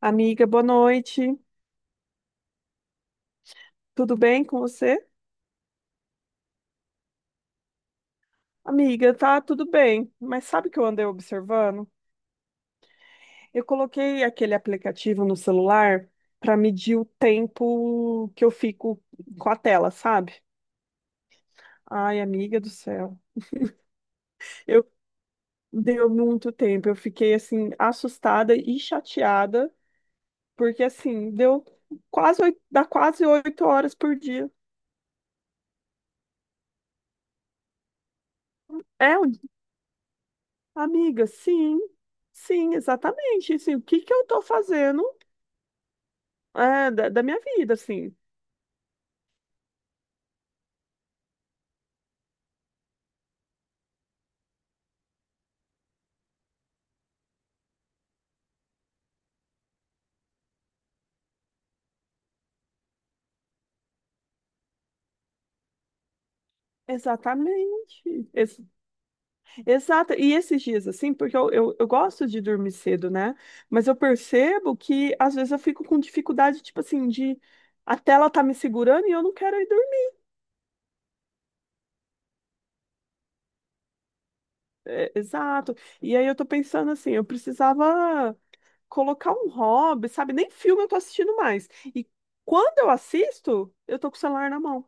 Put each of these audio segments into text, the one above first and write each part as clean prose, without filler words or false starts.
Amiga, boa noite. Tudo bem com você? Amiga, tá tudo bem, mas sabe o que eu andei observando? Eu coloquei aquele aplicativo no celular para medir o tempo que eu fico com a tela, sabe? Ai, amiga do céu. Eu deu muito tempo, eu fiquei assim assustada e chateada, porque assim, dá quase 8 horas por dia. É, amiga, sim. Sim, exatamente. Assim, o que que eu tô fazendo? É, da minha vida, assim. Exatamente. Ex exato. E esses dias, assim, porque eu gosto de dormir cedo, né? Mas eu percebo que às vezes eu fico com dificuldade, tipo assim, de a tela tá me segurando e eu não quero ir dormir. É, exato. E aí eu tô pensando assim, eu precisava colocar um hobby, sabe? Nem filme eu tô assistindo mais. E quando eu assisto, eu tô com o celular na mão.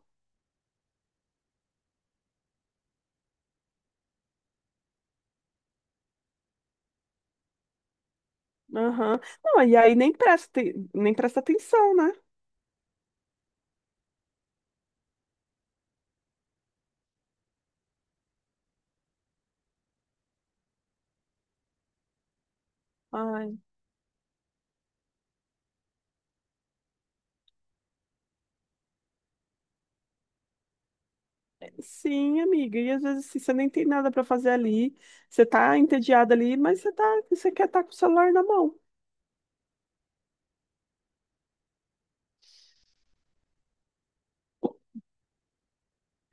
Aham. Não, e aí nem presta atenção, né? Ai. Sim, amiga. E às vezes assim, você nem tem nada para fazer ali, você tá entediada ali, mas você quer estar com o celular na mão.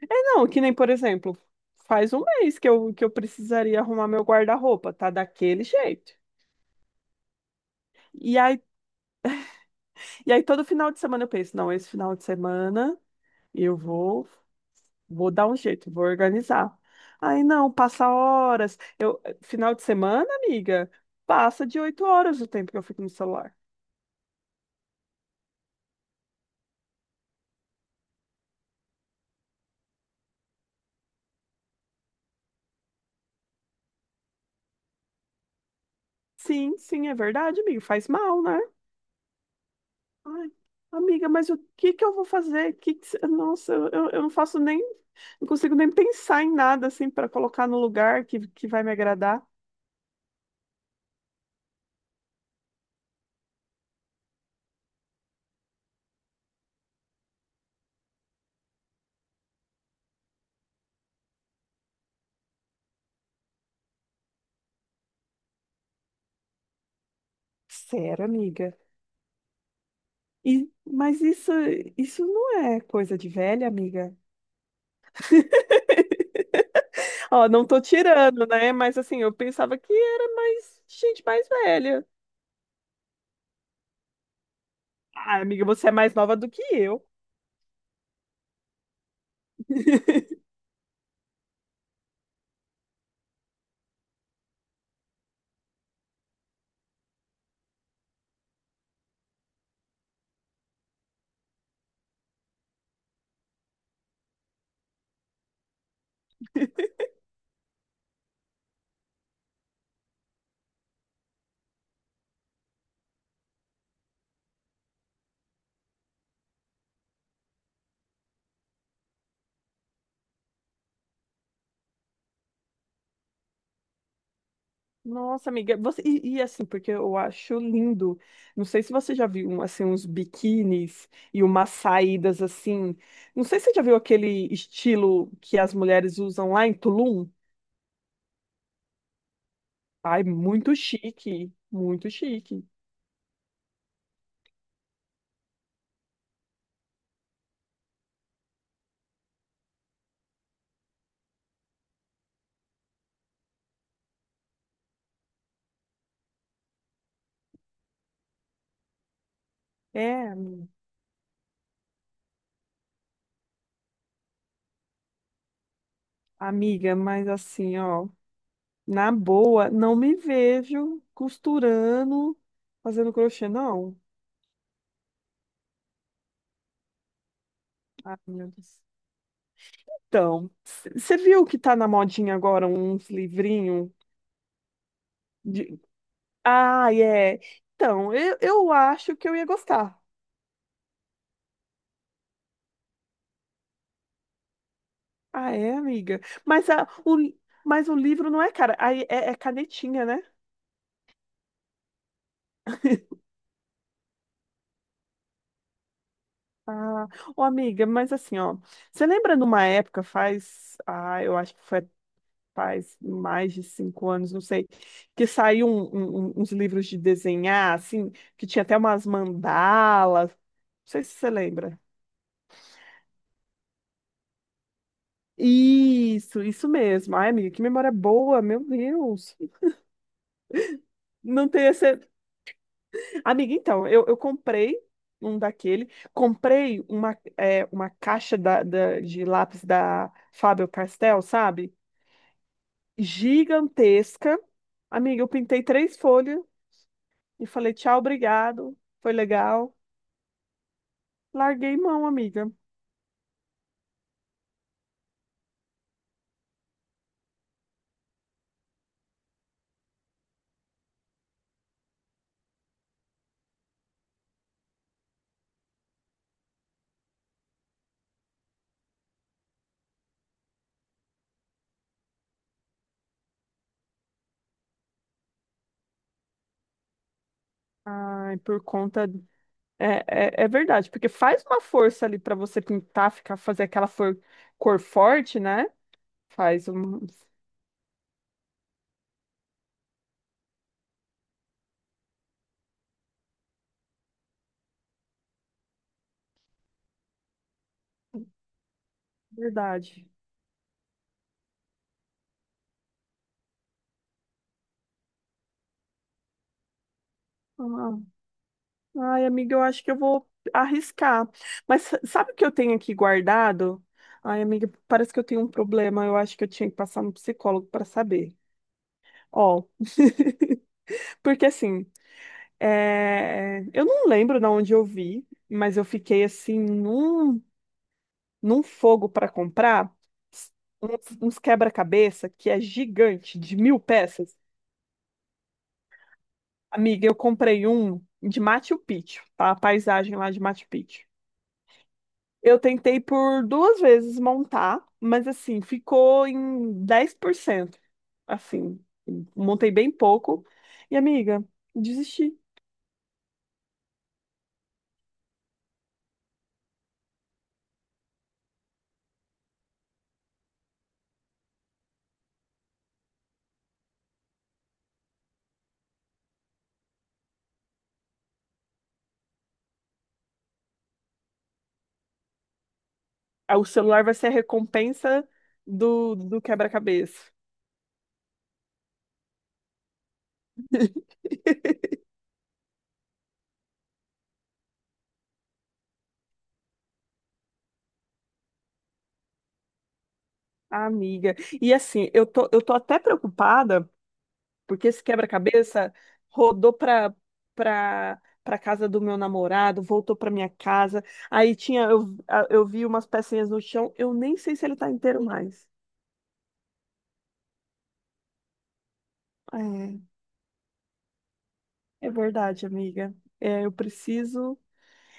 Não, que nem, por exemplo, faz um mês que eu precisaria arrumar meu guarda-roupa, tá daquele jeito. E aí, e aí todo final de semana eu penso, não, esse final de semana eu vou dar um jeito, vou organizar. Aí não, passa horas. Final de semana, amiga, passa de 8 horas o tempo que eu fico no celular. Sim, sim, é verdade, amiga, faz mal, né? Ai, amiga, mas o que que eu vou fazer? Que Nossa, eu não consigo nem pensar em nada assim para colocar no lugar que vai me agradar. Sério, amiga? E, mas isso não é coisa de velha, amiga. Ó, não tô tirando, né? Mas assim, eu pensava que era mais gente mais velha. Ah, amiga, você é mais nova do que eu. Nossa, amiga, você e, assim, porque eu acho lindo. Não sei se você já viu um, assim uns biquínis e umas saídas assim. Não sei se você já viu aquele estilo que as mulheres usam lá em Tulum. Ai, muito chique, muito chique. É, amiga, mas assim, ó, na boa, não me vejo costurando, fazendo crochê, não. Ai, meu Deus. Então, você viu que tá na modinha agora uns livrinhos? Ah, é. Então, eu acho que eu ia gostar. Ah, é, amiga? Mas, a, o, mas o livro não é cara. Aí é canetinha, né? Ah, ô, amiga, mas assim, ó. Você lembra numa época, faz. Ah, eu acho que foi faz mais de 5 anos, não sei. Que saiu uns livros de desenhar, assim, que tinha até umas mandalas. Não sei se você lembra. Isso mesmo. Ai, amiga, que memória boa, meu Deus. Não tem esse. Amiga, então, eu um daquele, comprei uma caixa de lápis da Faber-Castell, sabe? Gigantesca. Amiga, eu pintei três folhas e falei tchau, obrigado, foi legal. Larguei mão, amiga. Ai, por conta. É, é verdade, porque faz uma força ali para você pintar, ficar, fazer aquela cor forte, né? Faz um. Verdade. Ah. Ai, amiga, eu acho que eu vou arriscar. Mas sabe o que eu tenho aqui guardado? Ai, amiga, parece que eu tenho um problema. Eu acho que eu tinha que passar no psicólogo para saber. Ó, porque assim, eu não lembro de onde eu vi, mas eu fiquei assim num fogo para comprar s- uns quebra-cabeça que é gigante, de 1000 peças. Amiga, eu comprei um de Machu Picchu, tá? A paisagem lá de Machu Picchu. Eu tentei por duas vezes montar, mas assim, ficou em 10%. Assim, montei bem pouco. E amiga, desisti. Ah, o celular vai ser a recompensa do quebra-cabeça. Amiga. E assim, eu tô até preocupada, porque esse quebra-cabeça rodou pra casa do meu namorado, voltou pra minha casa. Aí tinha, eu vi umas pecinhas no chão, eu nem sei se ele tá inteiro mais. É, é verdade, amiga. É, eu preciso.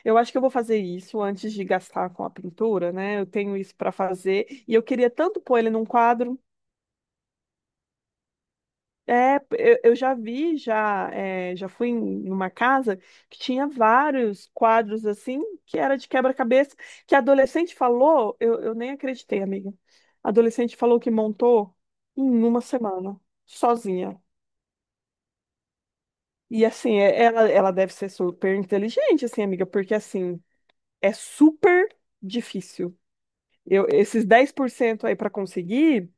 Eu acho que eu vou fazer isso antes de gastar com a pintura, né? Eu tenho isso para fazer e eu queria tanto pôr ele num quadro. É, eu já vi, já, é, já fui em numa casa que tinha vários quadros assim, que era de quebra-cabeça, que a adolescente falou, eu nem acreditei, amiga. A adolescente falou que montou em uma semana, sozinha. E assim, ela deve ser super inteligente, assim, amiga, porque assim, é super difícil. Esses 10% aí para conseguir,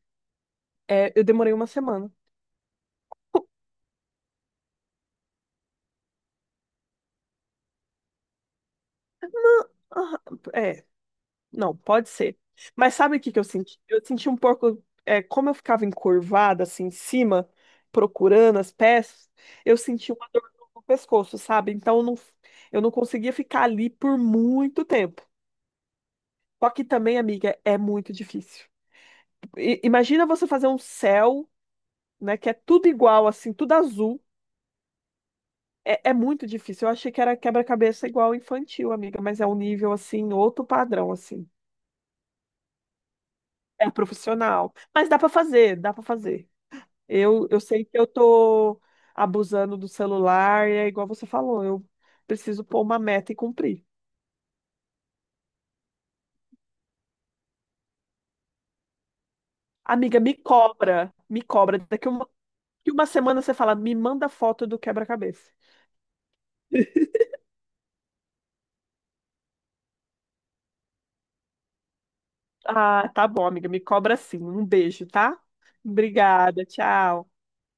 eu demorei uma semana. Aham, é, não, pode ser. Mas sabe o que que eu senti? Eu senti um pouco, como eu ficava encurvada assim em cima, procurando as peças, eu senti uma dor no pescoço, sabe? Então eu não conseguia ficar ali por muito tempo. Só que também, amiga, é muito difícil. Imagina você fazer um céu, né, que é tudo igual, assim, tudo azul. É muito difícil. Eu achei que era quebra-cabeça igual infantil, amiga, mas é um nível assim, outro padrão assim. É profissional, mas dá para fazer, dá para fazer. Eu sei que eu tô abusando do celular e é igual você falou, eu preciso pôr uma meta e cumprir. Amiga, me cobra, me cobra. Daqui uma semana você fala, me manda foto do quebra-cabeça. Ah, tá bom, amiga, me cobra sim. Um beijo, tá? Obrigada, tchau.